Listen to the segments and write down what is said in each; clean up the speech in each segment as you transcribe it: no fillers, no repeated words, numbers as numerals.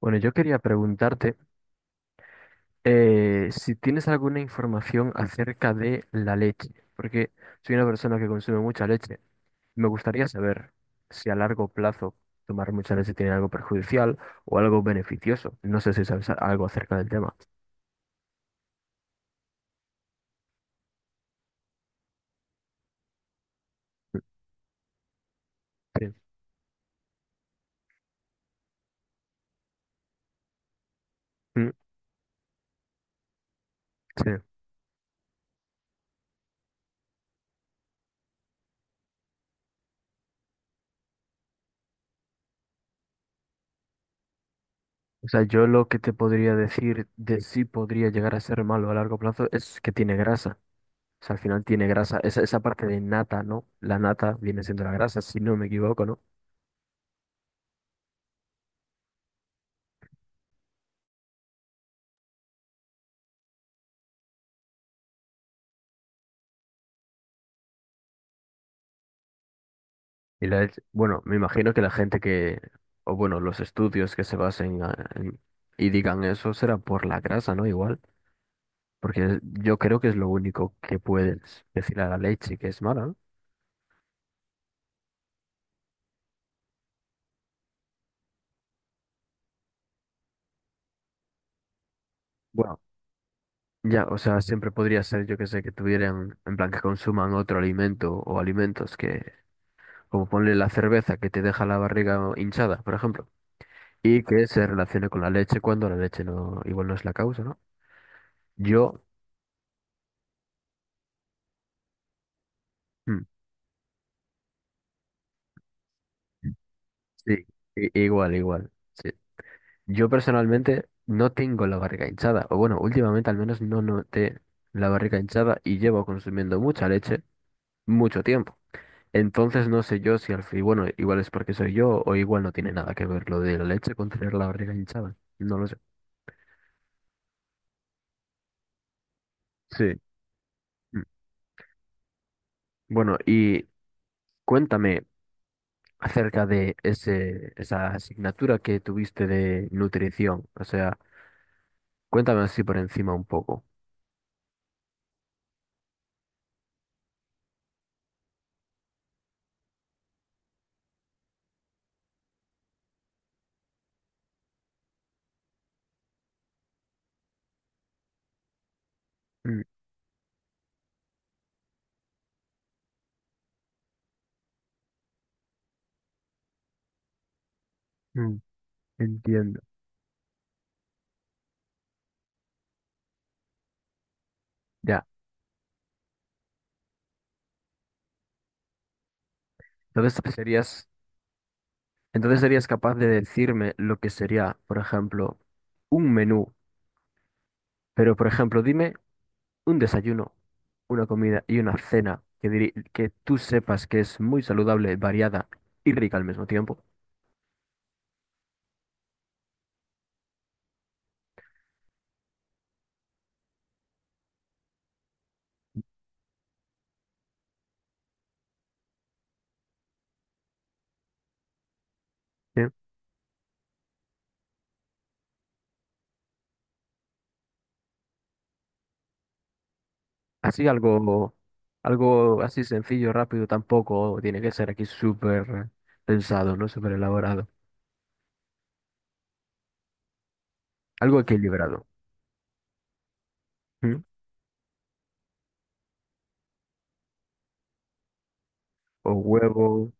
Bueno, yo quería preguntarte si tienes alguna información acerca de la leche, porque soy una persona que consume mucha leche. Me gustaría saber si a largo plazo tomar mucha leche tiene algo perjudicial o algo beneficioso. No sé si sabes algo acerca del tema. Mm, Sí. Mm, sí. O sea, yo lo que te podría decir de si podría llegar a ser malo a largo plazo es que tiene grasa. O sea, al final tiene grasa. Esa parte de nata, ¿no? La nata viene siendo la grasa, si no me equivoco, ¿no? Y la, bueno, me imagino que la gente que, o bueno, los estudios que se basen y digan eso será por la grasa, ¿no? Igual, porque yo creo que es lo único que puedes decir a la leche que es mala, ¿no? Bueno, ya, o sea, siempre podría ser, yo que sé, que tuvieran, en plan, que consuman otro alimento o alimentos que, como ponle la cerveza que te deja la barriga hinchada, por ejemplo, y que se relacione con la leche cuando la leche no, igual no es la causa, ¿no? Yo, mm, sí, igual, igual. Sí. Yo personalmente no tengo la barriga hinchada, o bueno, últimamente al menos no noté la barriga hinchada y llevo consumiendo mucha leche mucho tiempo. Entonces no sé yo si al fin, bueno, igual es porque soy yo o igual no tiene nada que ver lo de la leche con tener la barriga hinchada. No lo sé. Sí. Mm. Bueno, y cuéntame acerca de esa asignatura que tuviste de nutrición. O sea, cuéntame así por encima un poco. Mm, mm, entiendo. Ya. Entonces serías... Entonces serías capaz de decirme lo que sería, por ejemplo, un menú, pero por ejemplo, dime un desayuno, una comida y una cena que, que tú sepas que es muy saludable, variada y rica al mismo tiempo. ¿Sí? Así algo, algo así sencillo, rápido, tampoco tiene que ser aquí súper pensado, ¿no? Súper elaborado. Algo equilibrado. ¿M? O huevo.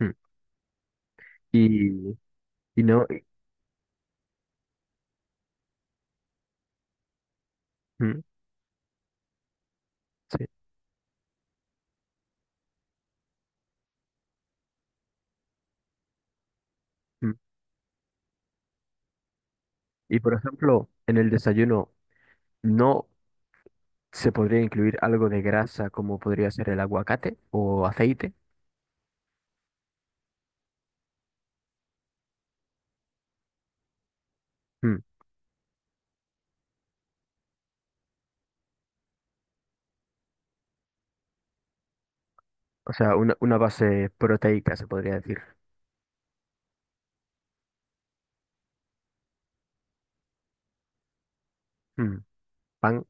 ¿M? Y, y no. y- ¿M? Sí, ¿m? Y por ejemplo, en el desayuno, no. ¿Se podría incluir algo de grasa como podría ser el aguacate o aceite? Mm. O sea, una base proteica se podría decir. Mm. Pan.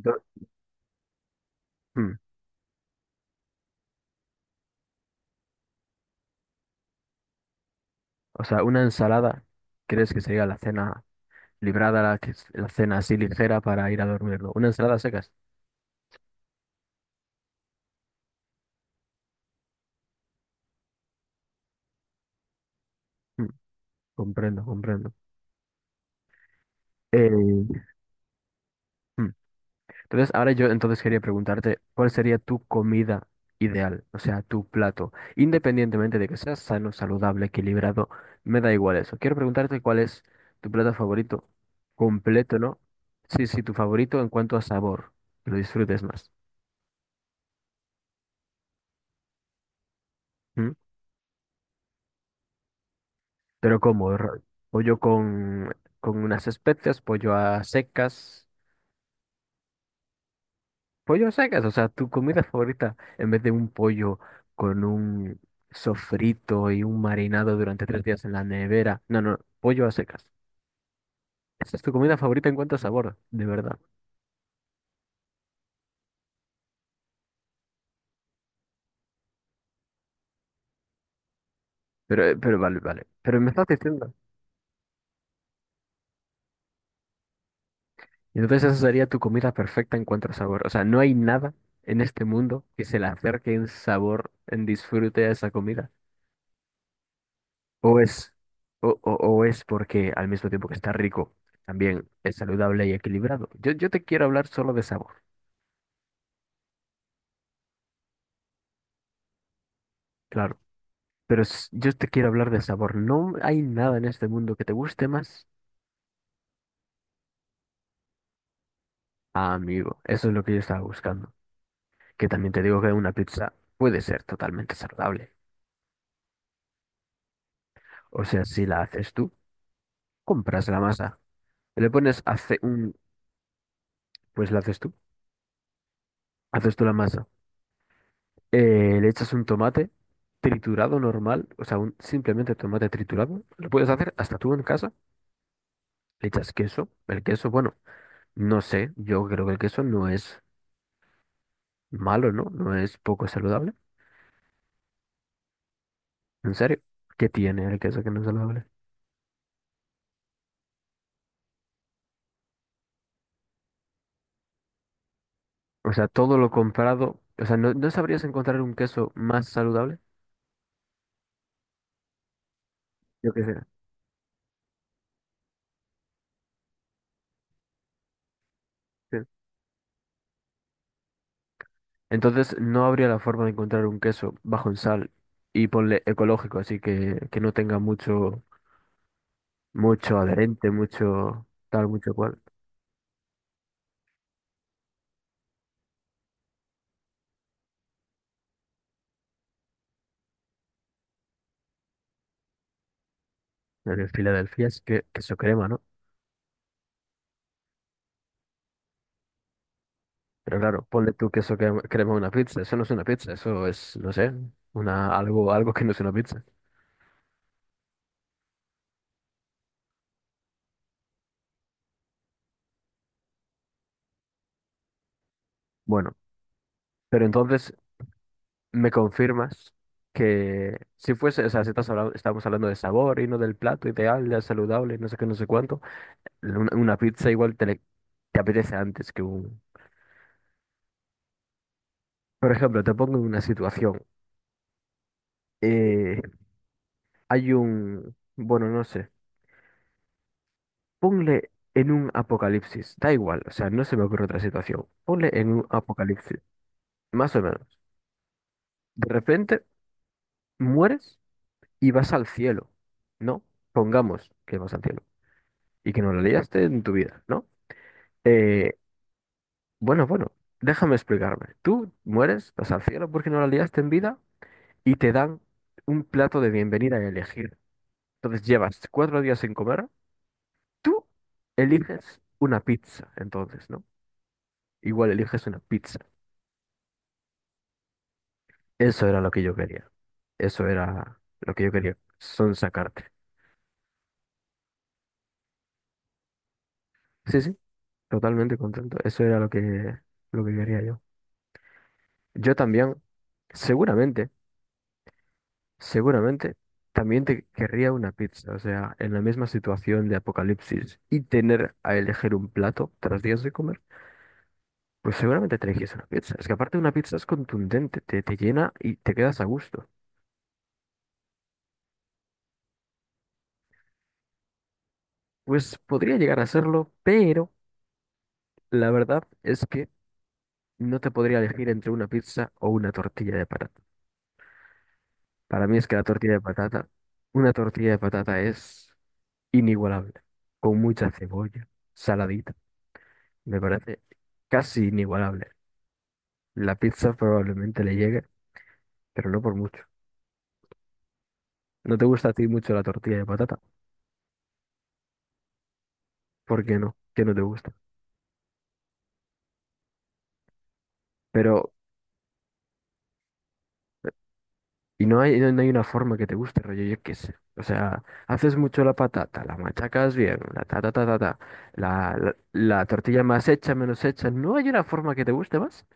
do- mm, O sea, una ensalada. ¿Crees que sería la cena librada, la, que la cena así ligera para ir a dormir, ¿no? Una ensalada a secas. Mm. Comprendo, comprendo. Eh, mm, Entonces, ahora yo entonces quería preguntarte, ¿cuál sería tu comida ideal? O sea, tu plato. Independientemente de que sea sano, saludable, equilibrado, me da igual eso. Quiero preguntarte cuál es tu plato favorito completo, ¿no? Sí, sí, tu favorito en cuanto a sabor, que lo disfrutes más. ¿Mm? Pero ¿cómo? Pollo con unas especias, pollo a secas. Pollo a secas, o sea, tu comida favorita, en vez de un pollo con un sofrito y un marinado durante tres días en la nevera. No, no, pollo a secas. Esa es tu comida favorita en cuanto a sabor, de verdad. Pero vale, vale. Pero me estás diciendo. Entonces esa sería tu comida perfecta en cuanto a sabor. O sea, no hay nada en este mundo que se le acerque en sabor, en disfrute a esa comida. O es, o es porque al mismo tiempo que está rico, también es saludable y equilibrado. Yo te quiero hablar solo de sabor. Claro. Pero yo te quiero hablar de sabor. No hay nada en este mundo que te guste más. Ah, amigo, eso es lo que yo estaba buscando. Que también te digo que una pizza puede ser totalmente saludable. O sea, si la haces tú, compras la masa. Le pones hace un... Pues la haces tú. Haces tú la masa. Le echas un tomate triturado normal. O sea, un simplemente tomate triturado. Lo puedes hacer hasta tú en casa. Le echas queso. El queso, bueno, no sé. Yo creo que el queso no es malo, ¿no? No es poco saludable. ¿En serio? ¿Qué tiene el queso que no es saludable? O sea, todo lo comprado, o sea, ¿no, no sabrías encontrar un queso más saludable? Yo qué sé. Sí. Entonces, no habría la forma de encontrar un queso bajo en sal y ponle ecológico, así que no tenga mucho, mucho adherente, mucho tal, mucho cual. En el Filadelfia es que, queso crema, ¿no? Pero claro, ponle tú queso crema crema a una pizza, eso no es una pizza, eso es, no sé, una, algo, algo que no es una pizza. Bueno, pero entonces me confirmas que si fuese, o sea, si estás hablando, estamos hablando de sabor y no del plato ideal, de saludable, no sé qué, no sé cuánto, una pizza igual te, te apetece antes que un... Por ejemplo, te pongo en una situación. eh, hay un... Bueno, no sé. Ponle en un apocalipsis. Da igual, o sea, no se me ocurre otra situación. Ponle en un apocalipsis, más o menos. De repente mueres y vas al cielo, ¿no? Pongamos que vas al cielo y que no la liaste en tu vida, ¿no? Eh, Bueno, bueno, déjame explicarme. Tú mueres, vas al cielo porque no la liaste en vida y te dan un plato de bienvenida a elegir. Entonces llevas cuatro días sin comer, tú eliges una pizza, entonces, ¿no? Igual eliges una pizza. Eso era lo que yo quería. Eso era lo que yo quería, sacarte. Sí, sí, totalmente contento. Eso era lo que quería yo. Yo también. Seguramente Seguramente también te querría una pizza, o sea, en la misma situación de apocalipsis y tener a elegir un plato tras días de comer, pues seguramente te elegirías una pizza. Es que aparte una pizza es contundente, te llena y te quedas a gusto. Pues podría llegar a serlo, pero la verdad es que no te podría elegir entre una pizza o una tortilla de patata. Para mí es que la tortilla de patata, una tortilla de patata es inigualable, con mucha cebolla, saladita, me parece casi inigualable. La pizza probablemente le llegue, pero no por mucho. No te gusta a ti mucho la tortilla de patata. ¿Por qué no? ¿Qué no te gusta? Pero, y no hay, no hay una forma que te guste, rollo, yo qué sé. O sea, haces mucho la patata, la machacas bien, la ta ta ta ta ta, la, la, la tortilla más hecha, menos hecha. ¿No hay una forma que te guste más?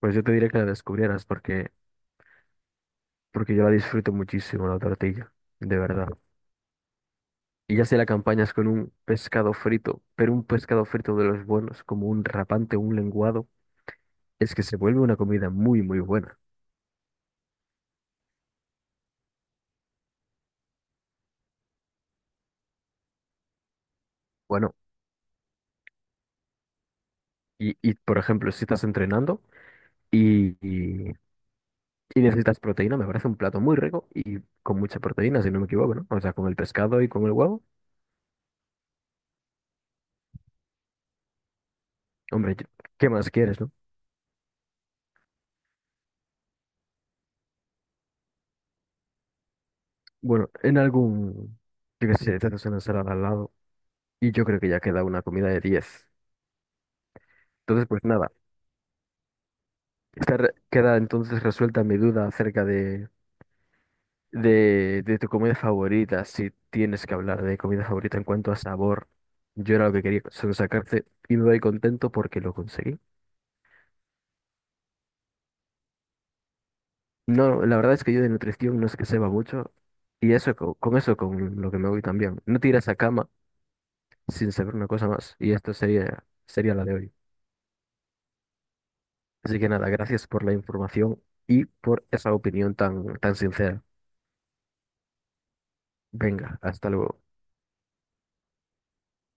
Pues yo te diré que la descubrieras porque, porque yo la disfruto muchísimo, la tortilla, de verdad. Y ya si la acompañas con un pescado frito, pero un pescado frito de los buenos, como un rapante, un lenguado. Es que se vuelve una comida muy, muy buena. Bueno, por ejemplo, si estás entrenando y, y- y necesitas proteína, me parece un plato muy rico y con mucha proteína, si no me equivoco, ¿no? O sea, con el pescado y con el huevo. Hombre, yo- ¿Qué más quieres, no? Bueno, en algún, yo qué sé, te haces una ensalada al lado y yo creo que ya queda una comida de 10. Entonces, pues nada, queda entonces resuelta mi duda acerca de. De tu comida favorita, si tienes que hablar de comida favorita en cuanto a sabor, yo era lo que quería sacarte y me voy contento porque lo conseguí. No, la verdad es que yo de nutrición no sé que sepa mucho y eso con, eso con lo que me voy también. No te irás a cama sin saber una cosa más y esto sería, sería la de hoy. Así que nada, gracias por la información y por esa opinión tan, tan sincera. Venga, hasta luego.